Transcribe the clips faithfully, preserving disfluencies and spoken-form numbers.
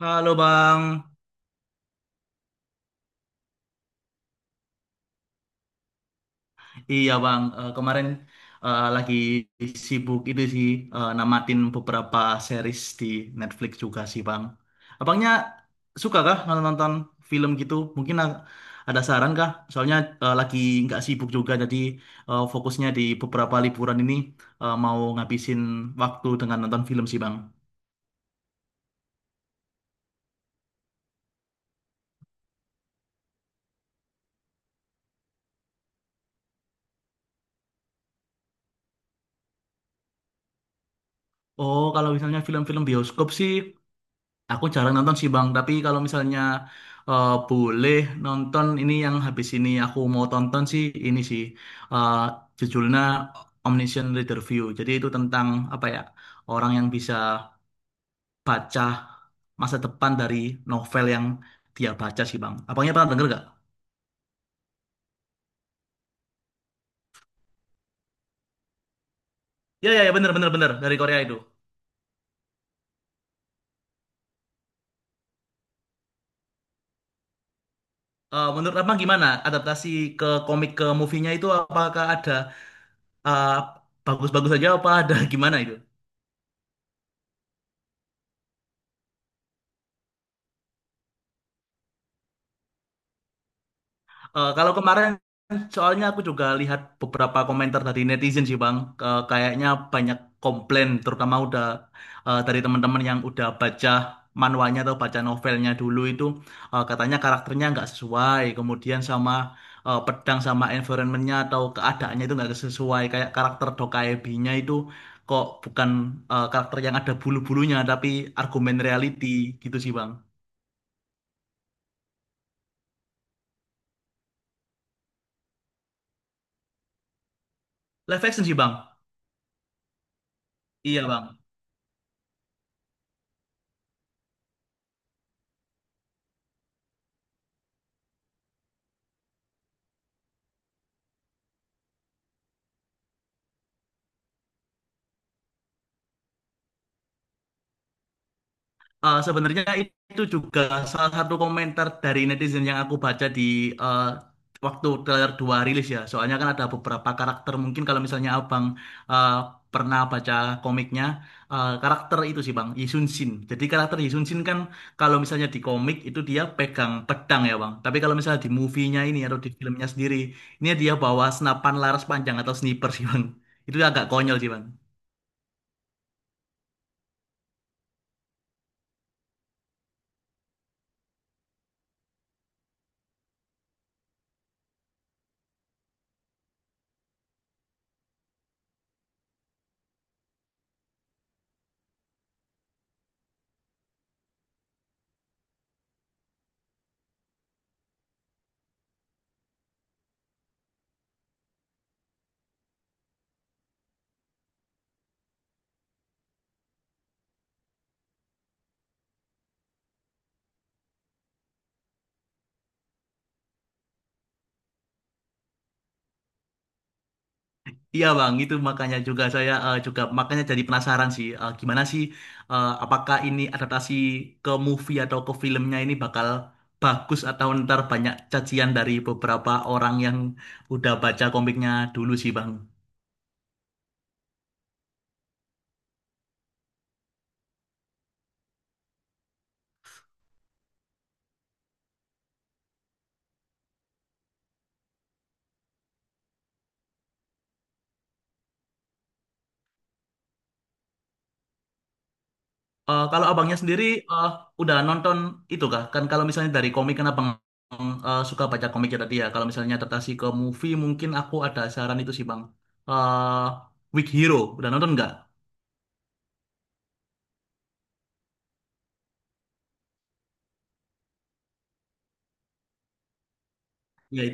Halo Bang. Iya Bang, Eh, kemarin eh, lagi sibuk itu sih, eh, namatin beberapa series di Netflix juga sih Bang. Abangnya suka kah nonton film gitu? Mungkin a- ada saran kah? Soalnya eh, lagi nggak sibuk juga, jadi eh, fokusnya di beberapa liburan ini, eh, mau ngabisin waktu dengan nonton film sih Bang. Oh, kalau misalnya film-film bioskop sih, aku jarang nonton sih Bang, tapi kalau misalnya eh, boleh nonton ini yang habis ini aku mau tonton sih ini sih, eh, judulnya Omniscient Reader View. Jadi itu tentang apa ya, orang yang bisa baca masa depan dari novel yang dia baca sih Bang. Abangnya pernah denger gak? Ya, ya, ya, bener, bener, bener, dari Korea itu. Eh, menurut Abang gimana adaptasi ke komik ke movie-nya itu, apakah ada eh, bagus-bagus aja apa ada gimana itu? Eh, kalau kemarin soalnya aku juga lihat beberapa komentar dari netizen sih Bang. Eh, kayaknya banyak komplain, terutama udah eh, dari teman-teman yang udah baca manualnya atau baca novelnya dulu itu, eh, katanya karakternya nggak sesuai, kemudian sama eh, pedang sama environmentnya atau keadaannya itu nggak sesuai, kayak karakter Dokkaebi-nya itu kok bukan eh, karakter yang ada bulu-bulunya tapi argumen reality gitu sih Bang. Live action sih Bang. Iya Bang. Eh, sebenarnya itu juga salah satu komentar dari netizen yang aku baca di eh, waktu trailer dua rilis ya. Soalnya kan ada beberapa karakter, mungkin kalau misalnya Abang eh, pernah baca komiknya, eh, karakter itu sih Bang, Yi Sun Sin. Jadi karakter Yi Sun Sin kan kalau misalnya di komik itu dia pegang pedang ya Bang. Tapi kalau misalnya di movie-nya ini atau di filmnya sendiri, ini dia bawa senapan laras panjang atau sniper sih Bang. Itu agak konyol sih Bang. Iya bang, itu makanya juga saya, eh, juga makanya jadi penasaran sih, eh, gimana sih, eh, apakah ini adaptasi ke movie atau ke filmnya ini bakal bagus atau ntar banyak cacian dari beberapa orang yang udah baca komiknya dulu sih bang. Eh, kalau abangnya sendiri eh, udah nonton itu kah? Kan kalau misalnya dari komik kan abang eh, suka baca komik ya tadi ya. Kalau misalnya adaptasi ke movie mungkin aku ada saran itu sih bang. Eh Weak Hero udah nonton nggak? Ya.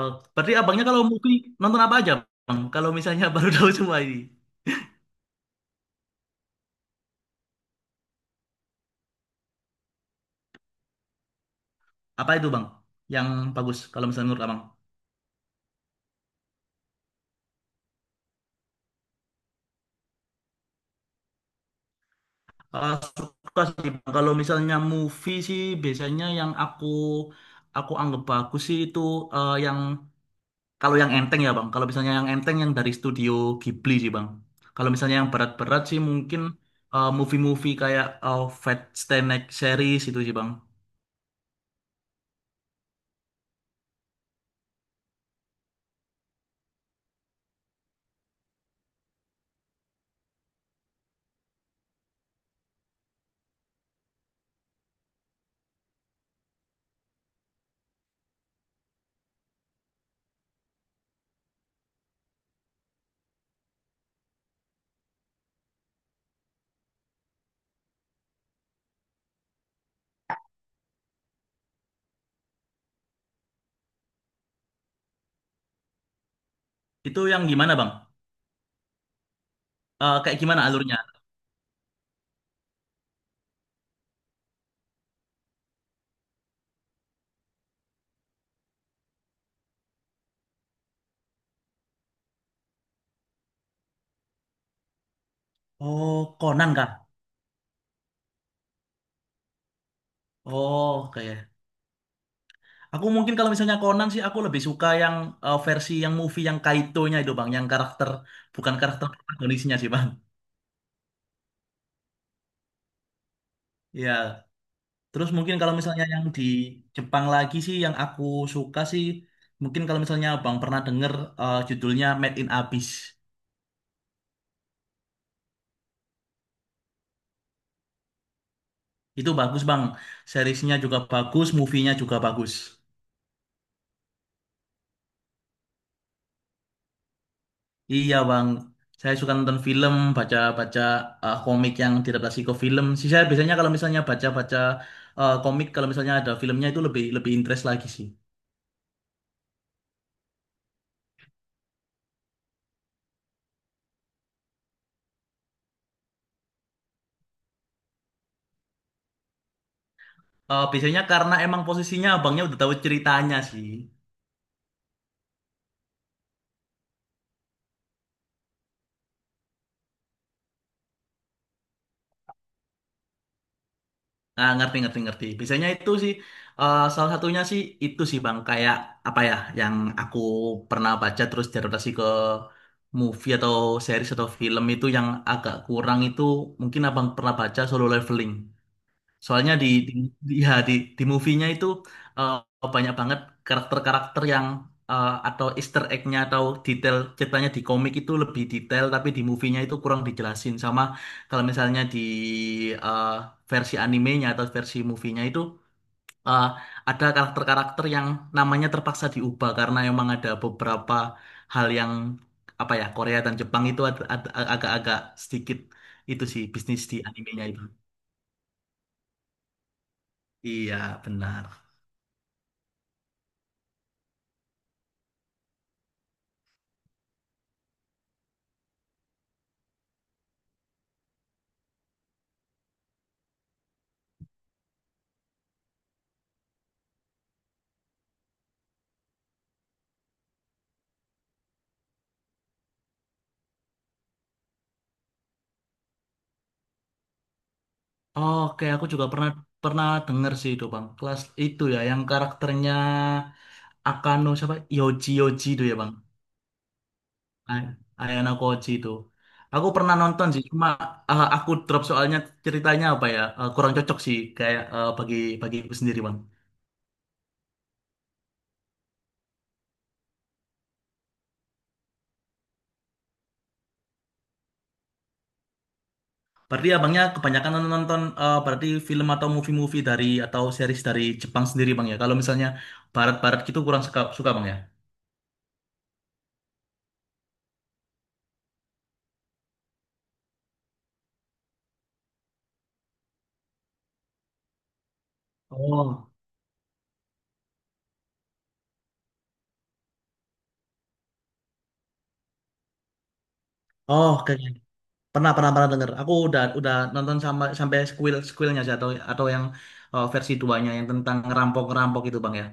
Oh, berarti abangnya kalau movie nonton apa aja, Bang? Kalau misalnya baru tahu semua ini. Apa itu, Bang? Yang bagus kalau misalnya menurut Abang. Eh, Suka sih, Bang. Kalau misalnya movie sih biasanya yang aku aku anggap bagus sih itu, eh, yang kalau yang enteng ya, Bang. Kalau misalnya yang enteng yang dari studio Ghibli sih, Bang. Kalau misalnya yang berat-berat sih mungkin eh, movie-movie kayak eh, Fat Stanek series itu sih, Bang. Itu yang gimana, Bang? Eh, kayak gimana alurnya? Oh, Conan kah? Oh, oke. Aku mungkin kalau misalnya Conan sih aku lebih suka yang eh, versi yang movie yang Kaito-nya itu Bang, yang karakter bukan karakter protagonisnya sih Bang. Iya. Terus mungkin kalau misalnya yang di Jepang lagi sih yang aku suka sih, mungkin kalau misalnya Bang pernah denger eh, judulnya Made in Abyss. Itu bagus Bang. Seriesnya juga bagus, movie-nya juga bagus. Iya bang, saya suka nonton film, baca-baca eh, komik yang diadaptasi ke film. Sih saya biasanya kalau misalnya baca-baca eh, komik, kalau misalnya ada filmnya itu lebih lebih interest lagi sih. Eh, biasanya karena emang posisinya abangnya udah tahu ceritanya sih. Ah, ngerti, ngerti, ngerti. Biasanya itu sih, eh, salah satunya sih itu sih bang, kayak apa ya, yang aku pernah baca terus diadaptasi ke movie atau series atau film itu yang agak kurang itu, mungkin abang pernah baca Solo Leveling. Soalnya di di di, ya, di, di movie-nya itu, eh, banyak banget karakter-karakter yang, eh, atau Easter egg-nya atau detail ceritanya di komik itu lebih detail tapi di movie-nya itu kurang dijelasin. Sama kalau misalnya di eh, versi animenya atau versi movie-nya itu, eh, ada karakter-karakter yang namanya terpaksa diubah karena emang ada beberapa hal yang, apa ya, Korea dan Jepang itu ad- ad- agak-agak sedikit itu sih bisnis di animenya itu. Iya, benar. Oke, aku juga pernah pernah denger sih itu bang. Kelas itu ya, yang karakternya Akano siapa? Yoji Yoji itu ya bang. Ay- Ayano Koji itu. Aku pernah nonton sih, cuma eh, aku drop soalnya ceritanya apa ya, eh, kurang cocok sih kayak, eh, bagi bagi sendiri bang. Berarti abangnya kebanyakan nonton, nonton eh, berarti film atau movie-movie dari, atau series dari Jepang sendiri bang ya. Kalau misalnya barat-barat gitu kurang suka suka bang ya. Oh, oh, oke. Pernah, pernah, pernah denger. Aku udah udah nonton sama, sampai squeal squealnya sih atau atau yang eh, versi duanya yang tentang ngerampok ngerampok itu bang ya.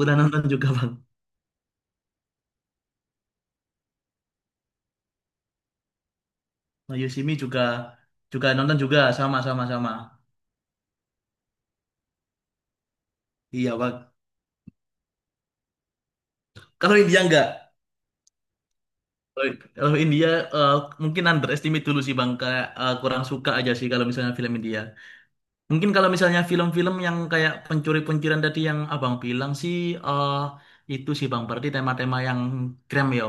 Udah nonton juga bang. Nah, Yoshimi juga juga nonton juga, sama, sama, sama. Iya bang. Kalau India enggak. Kalau kalau India, eh, mungkin underestimate dulu sih bang. Kayak, eh, kurang suka aja sih kalau misalnya film India. Mungkin kalau misalnya film-film yang kayak pencuri-pencurian tadi yang abang bilang sih, eh itu sih bang, berarti tema-tema yang krem ya.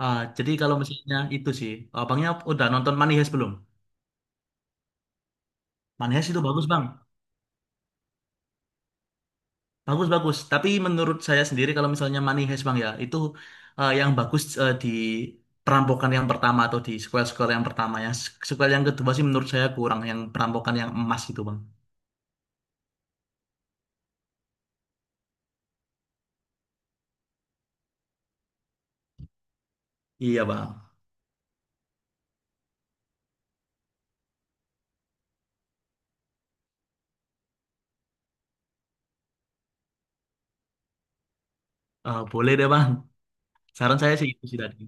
Eh, jadi kalau misalnya itu sih, abangnya udah nonton Money Heist belum? Money Heist itu bagus bang, bagus-bagus. Tapi menurut saya sendiri kalau misalnya Money Heist bang ya, itu eh, yang bagus eh, di perampokan yang pertama atau di sequel-sequel yang pertama, ya. Sequel yang kedua sih menurut saya kurang, yang perampokan yang emas itu bang. Iya bang. Eh, boleh deh bang. Saran saya sih itu sih tadi.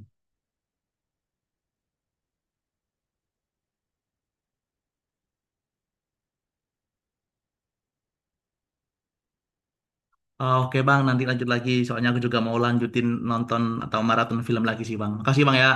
Oh, oke bang, nanti lanjut lagi. Soalnya aku juga mau lanjutin nonton atau maraton film lagi sih bang. Makasih bang ya.